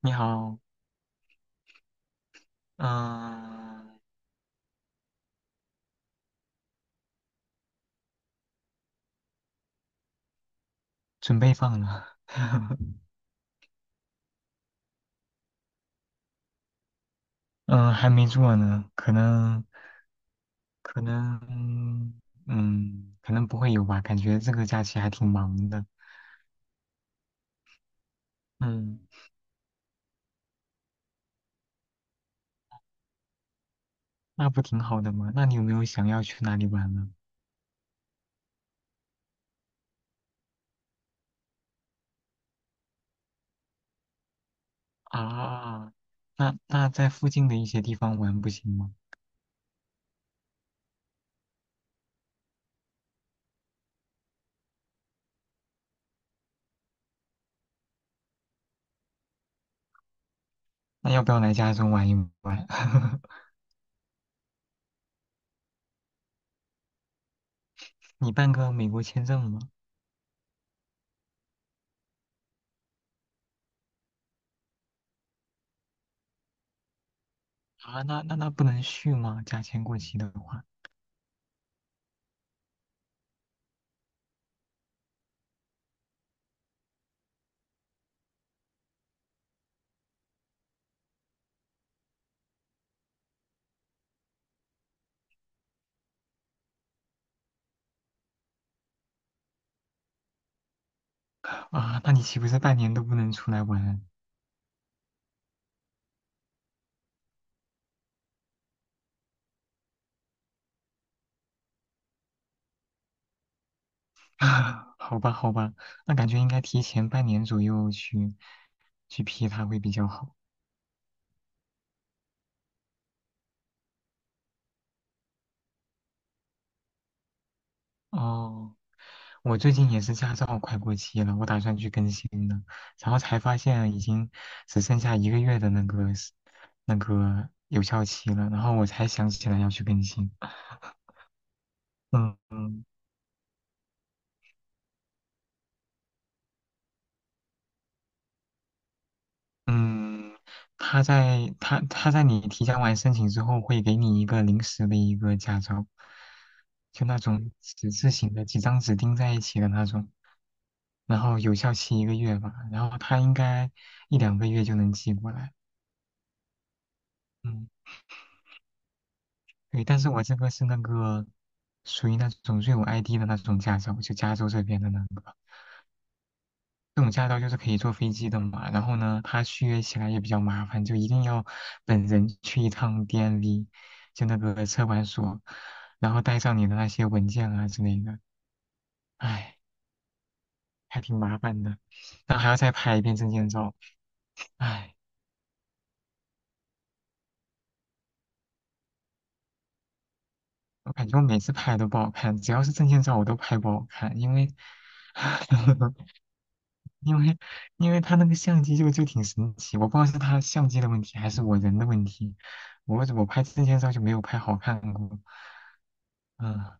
你好。嗯。准备放了，嗯、还没做呢，可能，可能不会有吧，感觉这个假期还挺忙的。嗯，那不挺好的吗？那你有没有想要去哪里玩呢？啊，那在附近的一些地方玩不行吗？那要不要来加州玩一玩？你办个美国签证吗？啊，那不能续吗？假签过期的话，啊，那你岂不是半年都不能出来玩？啊，好吧，好吧，那感觉应该提前半年左右去批它会比较好。哦，我最近也是驾照快过期了，我打算去更新的，然后才发现已经只剩下一个月的那个有效期了，然后我才想起来要去更新。嗯，嗯嗯，他在你提交完申请之后，会给你一个临时的一个驾照，就那种纸质型的，几张纸钉在一起的那种，然后有效期一个月吧，然后他应该一两个月就能寄过来。嗯，对，但是我这个是那个属于那种瑞武 ID 的那种驾照，就加州这边的那个。这种驾照就是可以坐飞机的嘛，然后呢，它续约起来也比较麻烦，就一定要本人去一趟 DMV，就那个车管所，然后带上你的那些文件啊之类的，唉，还挺麻烦的，然后还要再拍一遍证件照，唉，我感觉我每次拍都不好看，只要是证件照我都拍不好看，因为 因为因为他那个相机就挺神奇，我不知道是他相机的问题还是我人的问题，我拍证件照就没有拍好看过。嗯，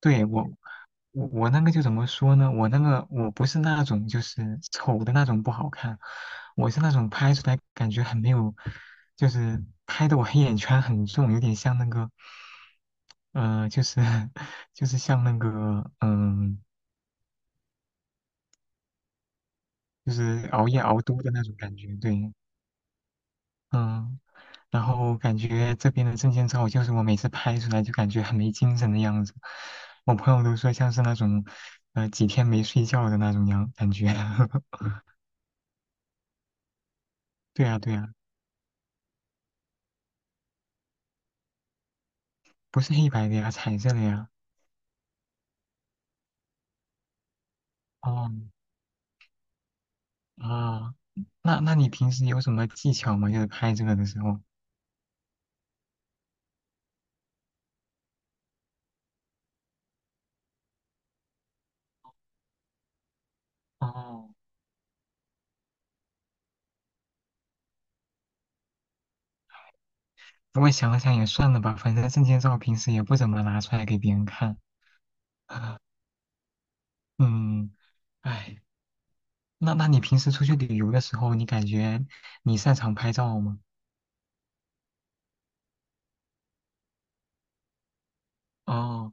对，我那个就怎么说呢？我那个我不是那种就是丑的那种不好看，我是那种拍出来感觉很没有，就是拍的我黑眼圈很重，有点像那个，就是 就是像那个就是熬夜熬多的那种感觉，对。嗯，然后感觉这边的证件照，就是我每次拍出来就感觉很没精神的样子，我朋友都说像是那种，几天没睡觉的那种样感觉。对呀，对呀，不是黑白的呀，彩色的呀。哦，啊，那你平时有什么技巧吗？就是拍这个的时候。哦，不过想了想也算了吧，反正证件照平时也不怎么拿出来给别人看。嗯，唉。那你平时出去旅游的时候，你感觉你擅长拍照吗？哦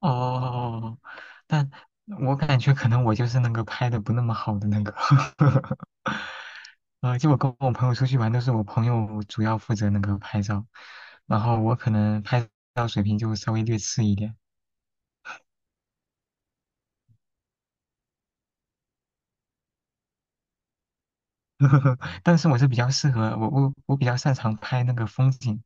哦，哦，但我感觉可能我就是那个拍的不那么好的那个，就我跟我朋友出去玩，都是我朋友主要负责那个拍照，然后我可能拍照水平就稍微略次一点。但是我是比较适合我比较擅长拍那个风景，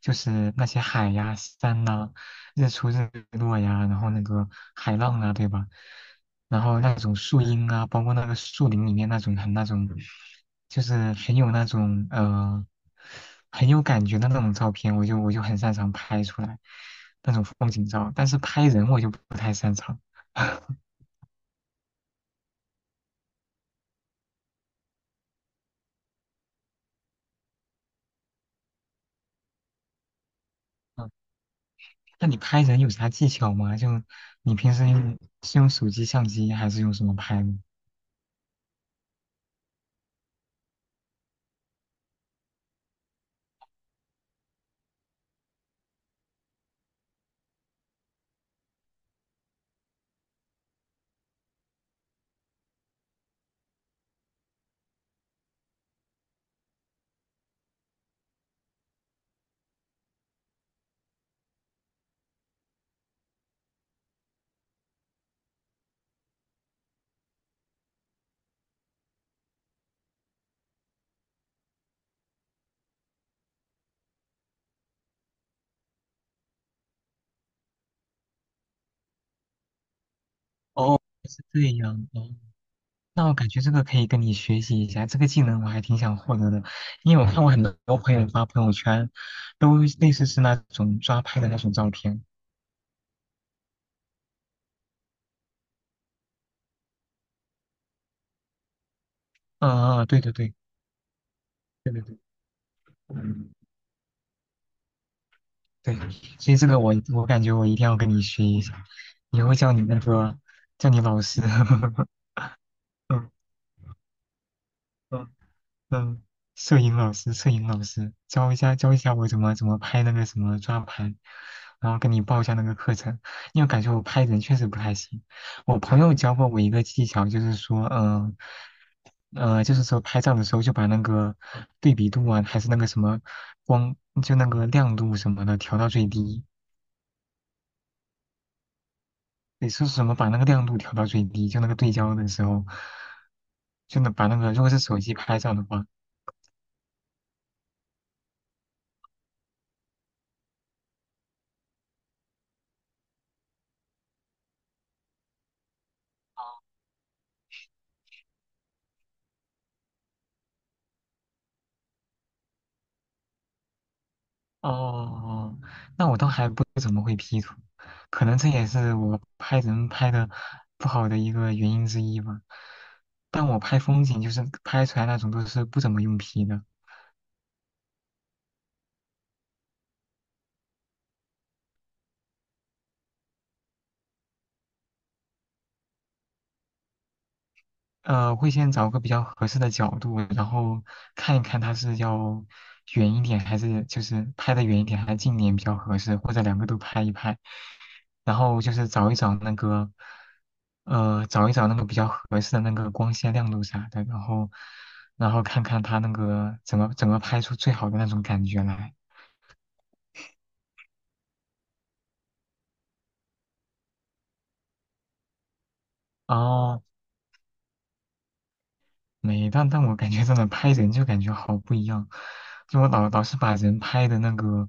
就是那些海呀、山呐、日出日落呀，然后那个海浪啊，对吧？然后那种树荫啊，包括那个树林里面那种很那种，就是很有那种很有感觉的那种照片，我就很擅长拍出来那种风景照，但是拍人我就不太擅长。那你拍人有啥技巧吗？就你平时用是用手机相机还是用什么拍呢？哦，是这样哦。那我感觉这个可以跟你学习一下，这个技能我还挺想获得的，因为我看过很多朋友发朋友圈，都类似是那种抓拍的那种照片。嗯嗯，对对对对对对，嗯，对，所以这个我感觉我一定要跟你学一下，以后叫你老师。嗯嗯嗯，摄影老师，摄影老师教一下教一下我怎么拍那个什么抓拍，然后跟你报一下那个课程，因为感觉我拍人确实不太行。我朋友教过我一个技巧，就是说，就是说拍照的时候就把那个对比度啊，还是那个什么光，就那个亮度什么的调到最低。你说什么把那个亮度调到最低？就那个对焦的时候，就能把那个，如果是手机拍照的话，哦，那我倒还不怎么会 P 图，可能这也是我拍人拍的不好的一个原因之一吧。但我拍风景就是拍出来那种都是不怎么用 P 的。会先找个比较合适的角度，然后看一看它是要远一点，还是就是拍的远一点，还是近一点比较合适，或者两个都拍一拍。然后就是找一找那个，找一找那个比较合适的那个光线亮度啥的，然后，看看它那个怎么拍出最好的那种感觉来。哦，没，但我感觉真的拍人就感觉好不一样，就我老是把人拍的那个，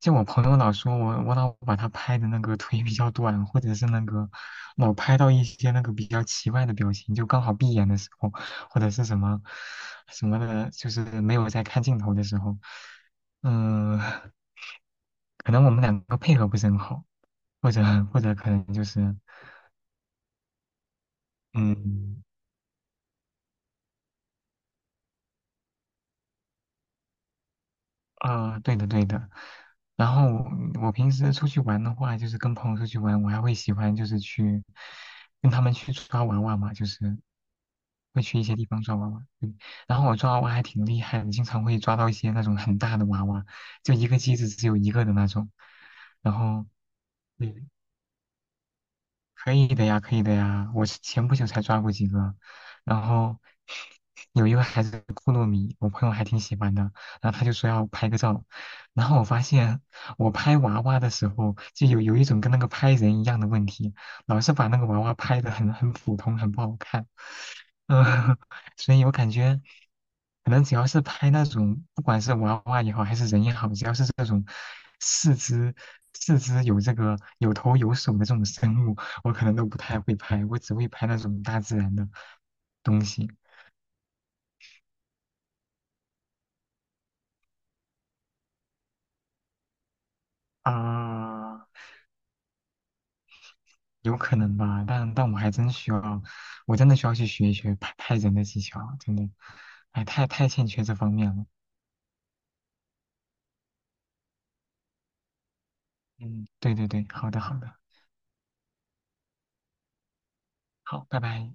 就我朋友老说我老把他拍的那个腿比较短，或者是那个老拍到一些那个比较奇怪的表情，就刚好闭眼的时候，或者是什么什么的，就是没有在看镜头的时候，嗯、可能我们两个配合不是很好，或者可能就是嗯。对的对的。然后我平时出去玩的话，就是跟朋友出去玩，我还会喜欢就是去跟他们去抓娃娃嘛，就是会去一些地方抓娃娃。嗯然后我抓娃娃还挺厉害的，经常会抓到一些那种很大的娃娃，就一个机子只有一个的那种。然后，对，可以的呀，可以的呀。我是前不久才抓过几个，然后有一个还是库洛米，我朋友还挺喜欢的，然后他就说要拍个照，然后我发现我拍娃娃的时候就有一种跟那个拍人一样的问题，老是把那个娃娃拍的很普通，很不好看。嗯，所以我感觉可能只要是拍那种，不管是娃娃也好，还是人也好，只要是这种四肢四肢有这个有头有手的这种生物。我可能都不太会拍，我只会拍那种大自然的东西啊，有可能吧，但我还真需要，我真的需要去学一学拍人的技巧，真的，哎，太欠缺这方面了。嗯，对对对，好的好的，好，拜拜。